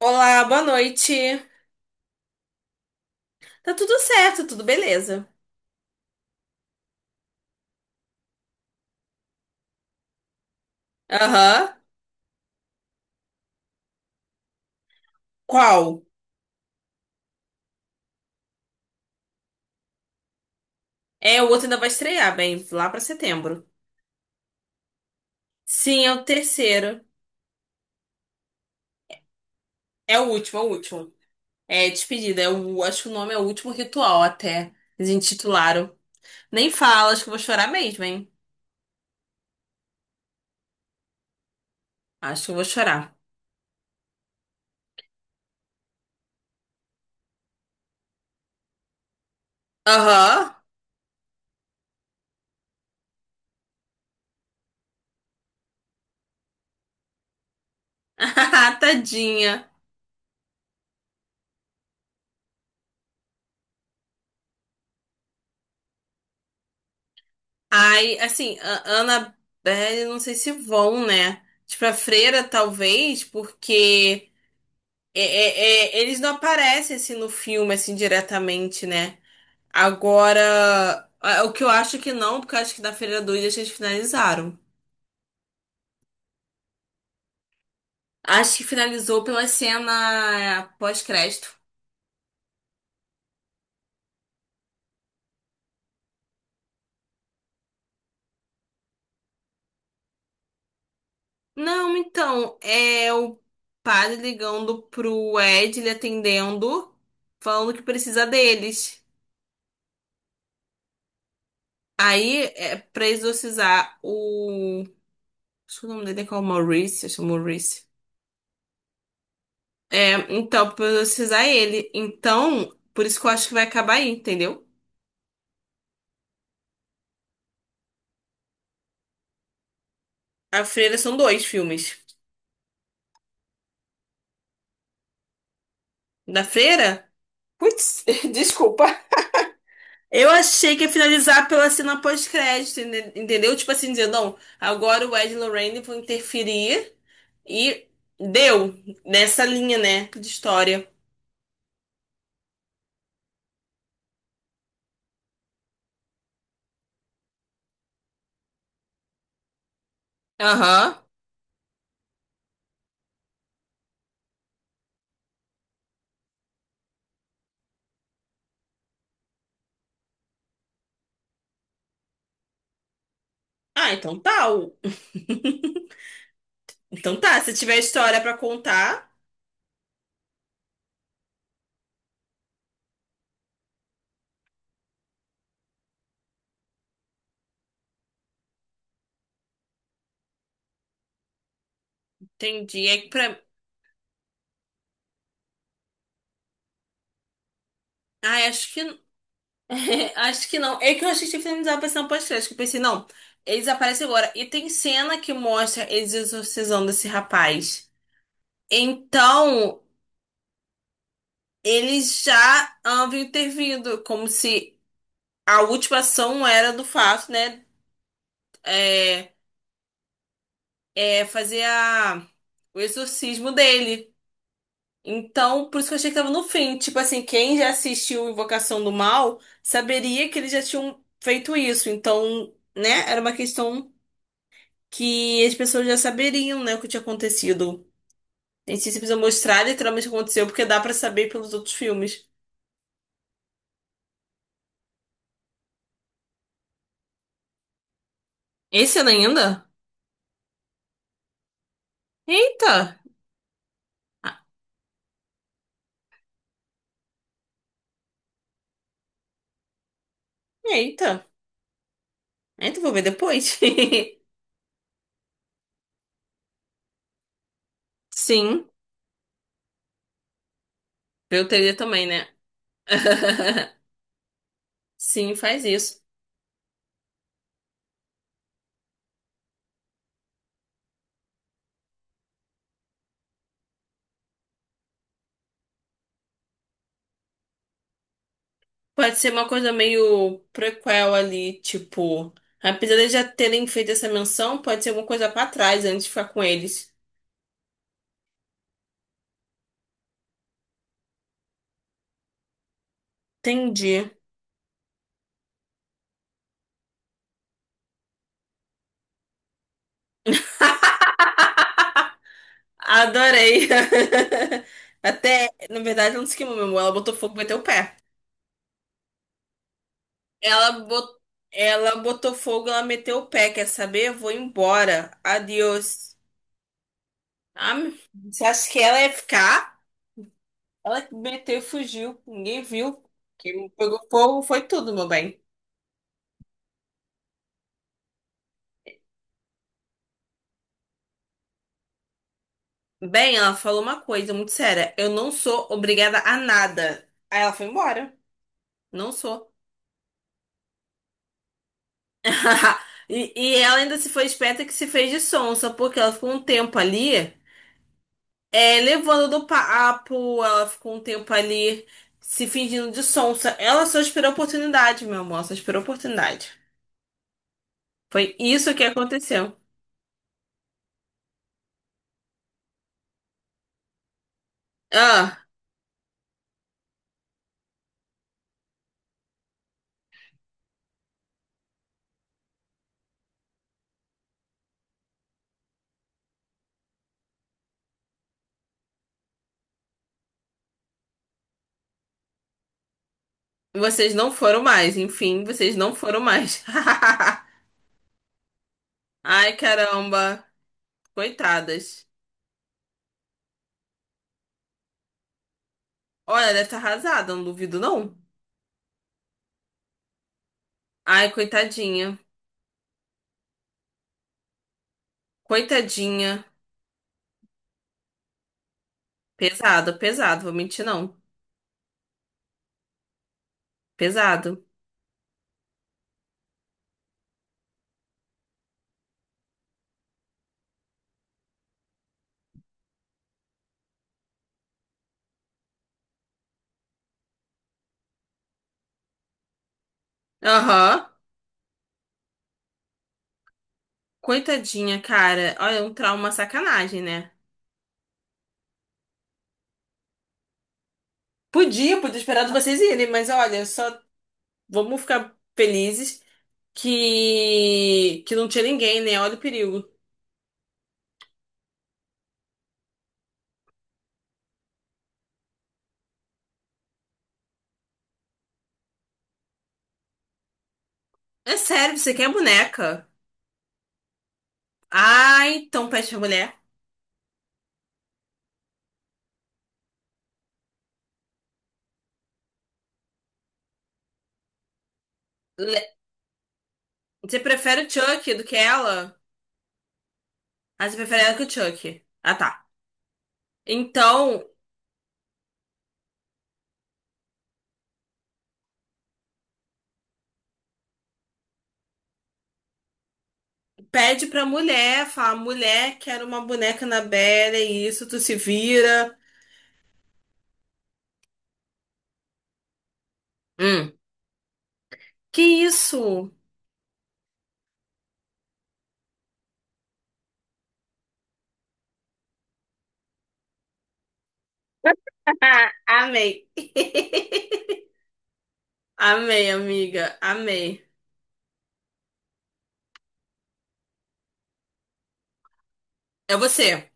Olá, boa noite. Tá tudo certo, tudo beleza. Aham. Qual? É, o outro ainda vai estrear, bem, lá pra setembro. Sim, é o terceiro. É o último, é o último. É despedida, acho que o nome é o último ritual até. Eles intitularam. Nem fala, acho que eu vou chorar mesmo, hein? Acho que eu vou chorar. Aham. Tadinha. Ai, assim, a Annabelle, não sei se vão, né? Tipo, a freira, talvez, porque. É, eles não aparecem assim no filme, assim, diretamente, né? Agora, o que eu acho que não, porque eu acho que na Feira do Dia eles finalizaram. Acho que finalizou pela cena pós-crédito. Não, então, é o padre ligando pro Ed, ele atendendo, falando que precisa deles. Aí, é pra exorcizar o. Acho que o nome dele é qual? Maurice, acho que é Maurice. É, então, precisar ele. Então, por isso que eu acho que vai acabar aí, entendeu? A Freira são dois filmes. Da Freira? Putz, desculpa. Eu achei que ia finalizar pela cena pós-crédito, entendeu? Tipo assim, dizendo, não, agora o Ed e Lorraine vão interferir e deu nessa linha, né, de história. Aham. Ah, então tá. Então tá, se tiver história pra contar, entendi. É que pra... Ah, acho que. Acho que não. É que eu achei que tinha finalizado aparecendo no podcast. Que Eu pensei, não, eles aparecem agora. E tem cena que mostra eles exorcizando esse rapaz. Então, eles já haviam intervindo, como se a última ação era do fato, né? É, é fazer o exorcismo dele. Então, por isso que eu achei que tava no fim. Tipo assim, quem já assistiu Invocação do Mal saberia que eles já tinham feito isso. Então, né? Era uma questão. Que As pessoas já saberiam, né, o que tinha acontecido. A gente precisa mostrar literalmente o que aconteceu, porque dá pra saber pelos outros filmes. Esse ano ainda? Eita! Ah, eita! Eita, vou ver depois. Sim, eu teria também, né? Sim, faz isso. Pode ser uma coisa meio prequel ali, tipo. Apesar de já terem feito essa menção, pode ser alguma coisa pra trás antes de ficar com eles. Entendi. Adorei. Até, na verdade, ela não se queimou, meu amor. Ela botou fogo e meteu o pé. Ela botou, ela botou fogo, ela meteu o pé. Quer saber? Eu vou embora. Adeus. Ah, você acha que ela ia ficar? Ela meteu e fugiu. Ninguém viu. Quem pegou fogo foi tudo, meu bem. Bem, ela falou uma coisa muito séria. Eu não sou obrigada a nada. Aí ela foi embora. Não sou. E ela ainda se foi esperta que se fez de sonsa, porque ela ficou um tempo ali. É, levando do papo, ela ficou um tempo ali se fingindo de sonsa. Ela só esperou a oportunidade, meu amor, só esperou a oportunidade. Foi isso que aconteceu. Ah, vocês não foram mais, enfim, vocês não foram mais. Ai, caramba, coitadas. Olha, deve estar arrasada, não duvido não. Ai, coitadinha, coitadinha. Pesado, pesado, vou mentir não. Pesado. Aham, coitadinha, cara. Olha, um trauma sacanagem, né? Podia, podia esperar de vocês irem, mas olha, só vamos ficar felizes que não tinha ninguém, né? Olha o perigo. É sério, você quer boneca? Ah, então peste a mulher. Le- Você prefere o Chuck do que ela? Ah, você prefere ela que o Chuck. Ah, tá. Então, pede pra mulher, fala, mulher, quero uma boneca na Bela, é isso, tu se vira. Hum. Que isso? Amei. Amei, amiga, amei. É você.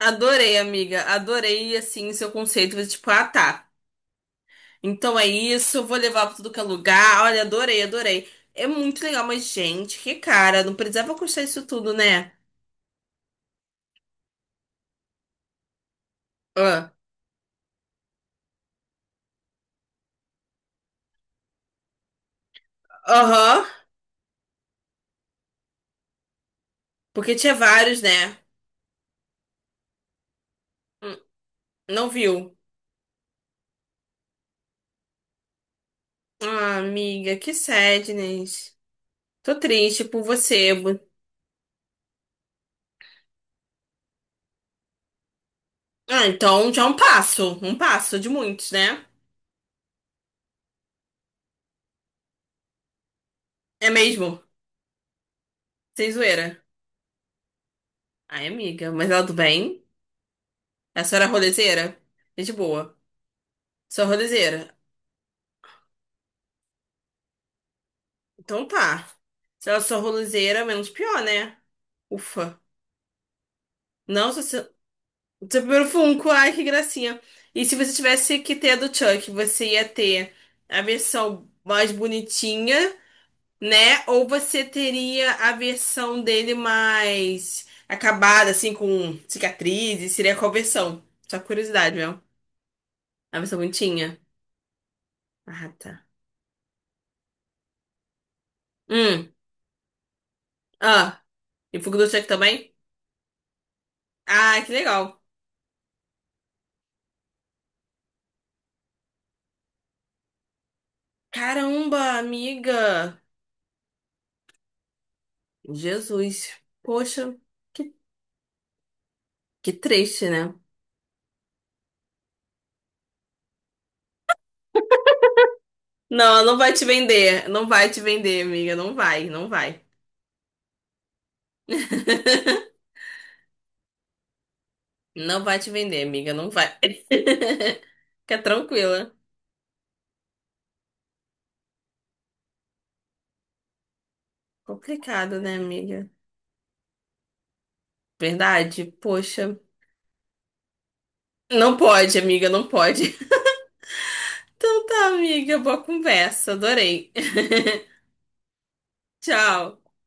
Adorei, amiga. Adorei, assim, seu conceito. Tipo, ah, tá. Então é isso, vou levar pra tudo que é lugar. Olha, adorei, adorei. É muito legal, mas, gente, que cara, não precisava custar isso tudo, né? Ah, aham. Porque tinha vários, né? Hum, não viu. Ah, amiga, que sadness. Tô triste por você. Ah, então já é um passo. Um passo de muitos, né? É mesmo? Sem zoeira. Ai, amiga, mas ela do bem? A senhora é rolezeira? É de boa. Sou rolozeira. Então tá. Se ela sou rolozeira, menos pior, né? Ufa. Não, seu primeiro Funko. Ai, que gracinha. E se você tivesse que ter a do Chuck, você ia ter a versão mais bonitinha, né? Ou você teria a versão dele mais acabada, assim, com cicatrizes? Seria qual versão? Só curiosidade, meu. A versão bonitinha. Ah, tá. Hum. Ah. E Funko do Chuck também? Ah, que legal. Caramba, amiga! Jesus. Poxa, que, que triste, né? Não, não vai te vender. Não vai te vender, amiga. Não vai, não vai. Não vai te vender, amiga. Não vai. Fica tranquila. Complicado, né, amiga? Verdade? Poxa. Não pode, amiga, não pode. Então tá, amiga. Boa conversa. Adorei. Tchau.